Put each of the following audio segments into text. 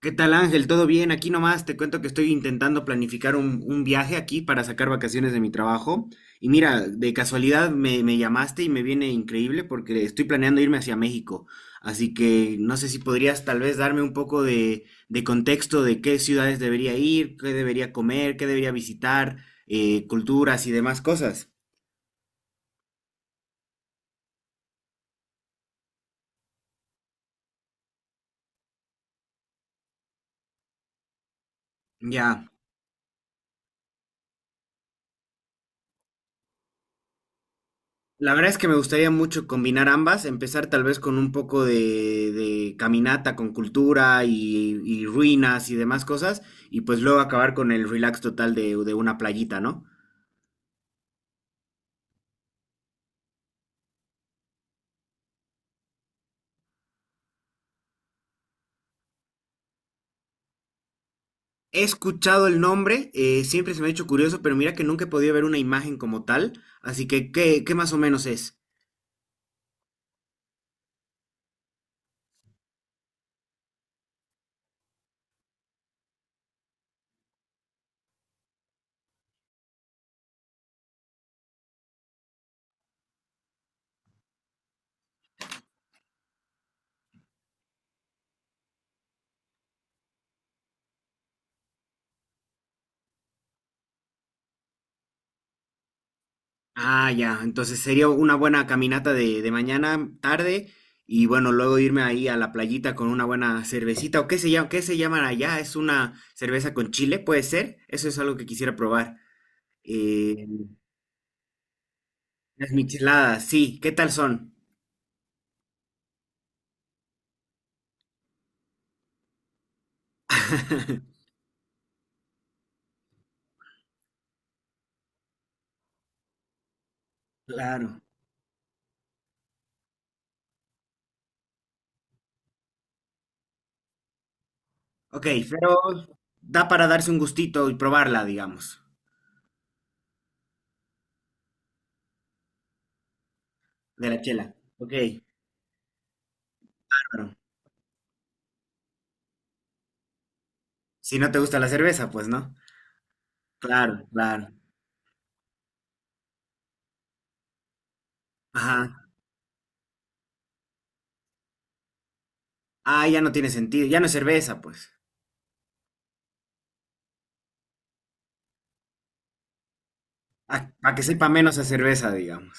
¿Qué tal Ángel? ¿Todo bien? Aquí nomás te cuento que estoy intentando planificar un viaje aquí para sacar vacaciones de mi trabajo. Y mira, de casualidad me llamaste y me viene increíble porque estoy planeando irme hacia México. Así que no sé si podrías tal vez darme un poco de contexto de qué ciudades debería ir, qué debería comer, qué debería visitar, culturas y demás cosas. Ya. La verdad es que me gustaría mucho combinar ambas, empezar tal vez con un poco de caminata con cultura y ruinas y demás cosas, y pues luego acabar con el relax total de una playita, ¿no? He escuchado el nombre, siempre se me ha hecho curioso, pero mira que nunca he podido ver una imagen como tal, así que ¿qué más o menos es? Ah, ya. Entonces sería una buena caminata de mañana, tarde, y bueno, luego irme ahí a la playita con una buena cervecita. ¿O qué se llama, qué se llaman allá? ¿Es una cerveza con chile? ¿Puede ser? Eso es algo que quisiera probar. Eh, las micheladas, sí. ¿Qué tal son? Claro. Ok, pero da para darse un gustito y probarla, digamos, de la chela. Ok, claro. Si no te gusta la cerveza, pues no. Claro, claro. Ajá. Ah, ya no tiene sentido. Ya no es cerveza, pues. Para que sepa menos a cerveza, digamos.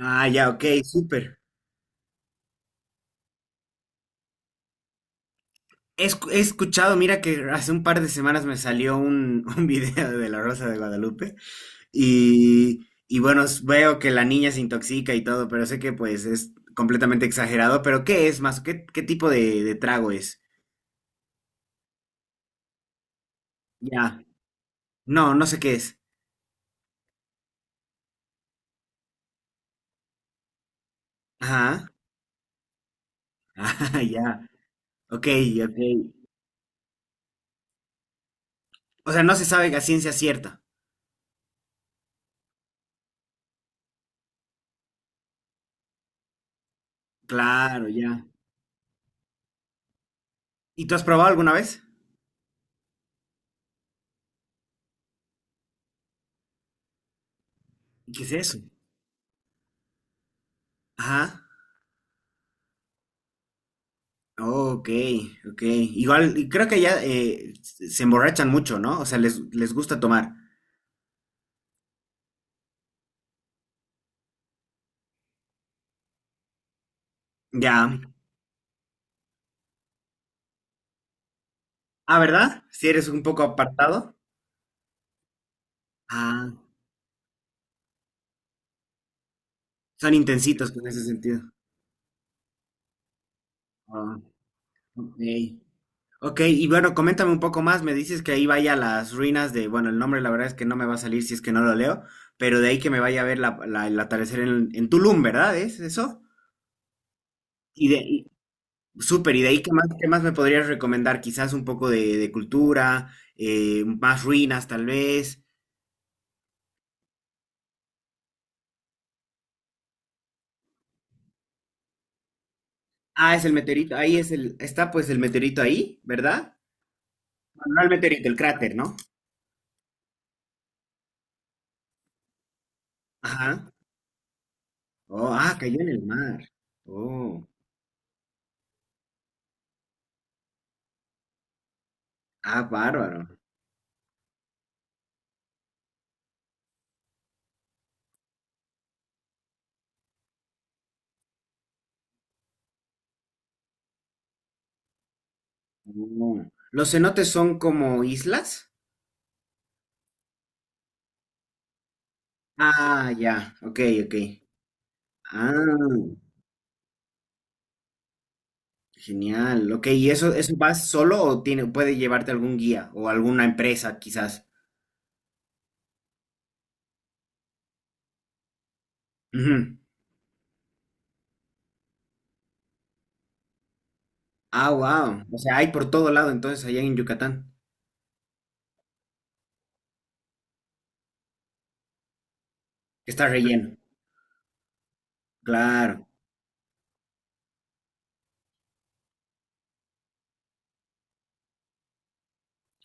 Ah, ya, ok, súper. He escuchado, mira que hace un par de semanas me salió un video de La Rosa de Guadalupe y bueno, veo que la niña se intoxica y todo, pero sé que pues es completamente exagerado, pero ¿qué es más? ¿Qué tipo de trago es? Ya, no, no sé qué es. Ajá, ah, ya, ok, ok. O sea, no se sabe a ciencia cierta. Claro, ya. ¿Y tú has probado alguna vez? ¿Y qué es eso? Ajá. Ok, ok. Igual, y creo que ya se emborrachan mucho, ¿no? O sea, les gusta tomar. Ya. Ah, ¿verdad? Si eres un poco apartado. Ah, son intensitos en ese sentido. Ah, ok. Ok, y bueno, coméntame un poco más. Me dices que ahí vaya a las ruinas de, bueno, el nombre la verdad es que no me va a salir si es que no lo leo, pero de ahí que me vaya a ver el atardecer en Tulum, ¿verdad? ¿Es eso? Súper, y de ahí, ¿qué más me podrías recomendar? Quizás un poco de cultura, más ruinas tal vez. Ah, es el meteorito, ahí está pues el meteorito ahí, ¿verdad? Bueno, no el meteorito, el cráter, ¿no? Ajá. Oh, ah, cayó en el mar. Oh, ah, bárbaro. Oh. ¿Los cenotes son como islas? Ah, ya, ok, ok. Ah, genial, ok. ¿Y eso vas solo o puede llevarte algún guía o alguna empresa quizás? Ujú. Ah, wow. O sea, hay por todo lado entonces allá en Yucatán. Está relleno. Claro.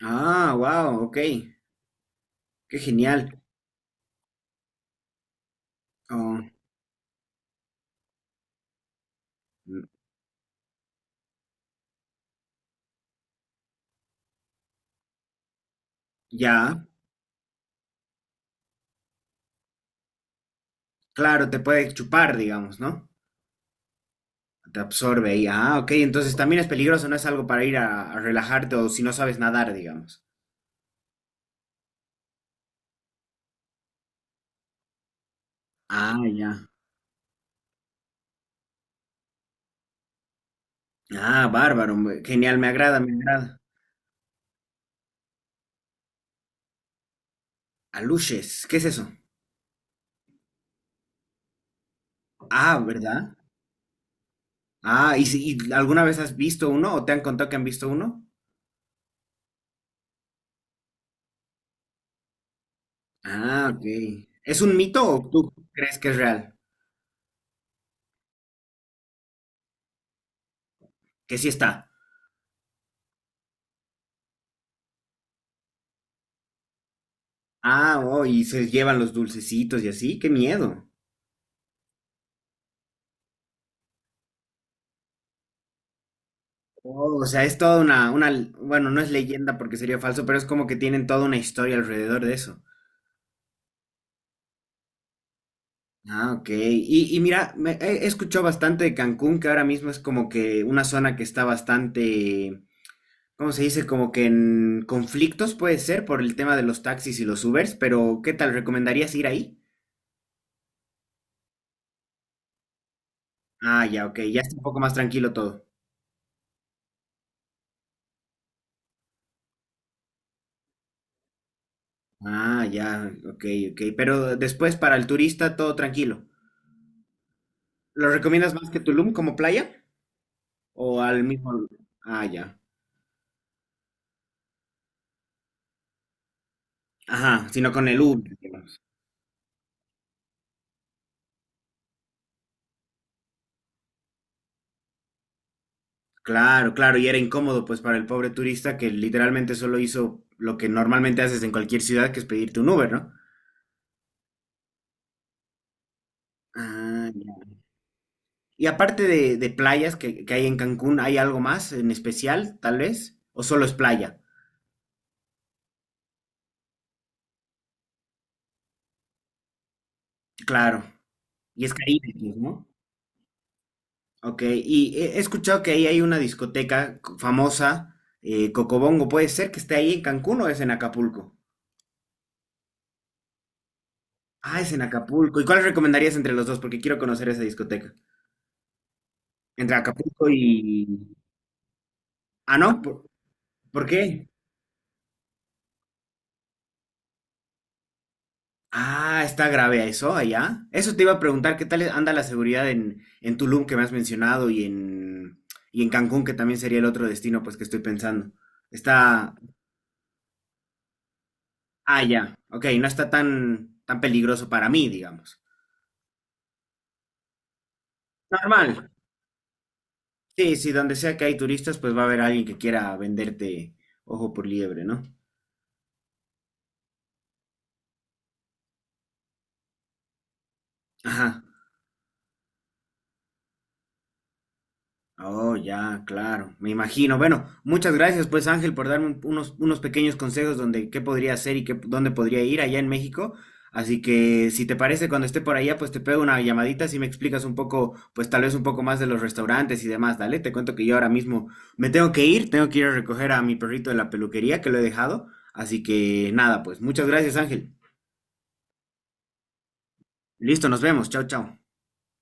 Ah, wow, ok. Qué genial. Oh, mm, ya. Claro, te puede chupar, digamos, ¿no? Te absorbe ahí. Ah, ok. Entonces también es peligroso, no es algo para ir a relajarte o si no sabes nadar, digamos. Ah, ya. Ah, bárbaro. Genial, me agrada, me agrada. Aluches, ¿qué es eso? Ah, ¿verdad? Ah, ¿y, si- y alguna vez has visto uno o te han contado que han visto uno? Ah, ok. ¿Es un mito o tú crees que es real? Que sí está. Ah, oh, y se llevan los dulcecitos y así, qué miedo. Oh, o sea, es toda una, bueno, no es leyenda porque sería falso, pero es como que tienen toda una historia alrededor de eso. Ah, ok. Y mira, he escuchado bastante de Cancún, que ahora mismo es como que una zona que está bastante, ¿cómo se dice? Como que en conflictos puede ser por el tema de los taxis y los Ubers, pero ¿qué tal? ¿Recomendarías ir ahí? Ah, ya, ok, ya está un poco más tranquilo todo. Ah, ya, ok, ok. Pero después para el turista todo tranquilo. ¿Lo recomiendas más que Tulum como playa? ¿O al mismo? Ah, ya. Ajá, sino con el Uber, digamos. Claro, claro, y era incómodo pues para el pobre turista que literalmente solo hizo lo que normalmente haces en cualquier ciudad, que es pedirte un Uber, ¿no? Ah, ya. Y aparte de playas que hay en Cancún, ¿hay algo más en especial, tal vez? ¿O solo es playa? Claro. Y es Caribe, pues, ¿no? Ok, y he escuchado que ahí hay una discoteca famosa, Cocobongo, ¿puede ser que esté ahí en Cancún o es en Acapulco? Ah, es en Acapulco. ¿Y cuál recomendarías entre los dos? Porque quiero conocer esa discoteca. Entre Acapulco y. Ah, ¿no? ¿Por qué? Ah, está grave eso allá. Eso te iba a preguntar, ¿qué tal anda la seguridad en Tulum que me has mencionado y en, Cancún, que también sería el otro destino, pues que estoy pensando? Está. Ah, ya. Ok, no está tan, tan peligroso para mí, digamos. Normal. Sí, sí, donde sea que hay turistas, pues va a haber alguien que quiera venderte ojo por liebre, ¿no? Ajá. Oh, ya, claro. Me imagino. Bueno, muchas gracias, pues Ángel, por darme unos pequeños consejos donde qué podría hacer y dónde podría ir allá en México. Así que, si te parece, cuando esté por allá, pues te pego una llamadita si me explicas un poco, pues tal vez un poco más de los restaurantes y demás. Dale, te cuento que yo ahora mismo me tengo que ir a recoger a mi perrito de la peluquería que lo he dejado. Así que nada, pues muchas gracias, Ángel. Listo, nos vemos. Chao, chao.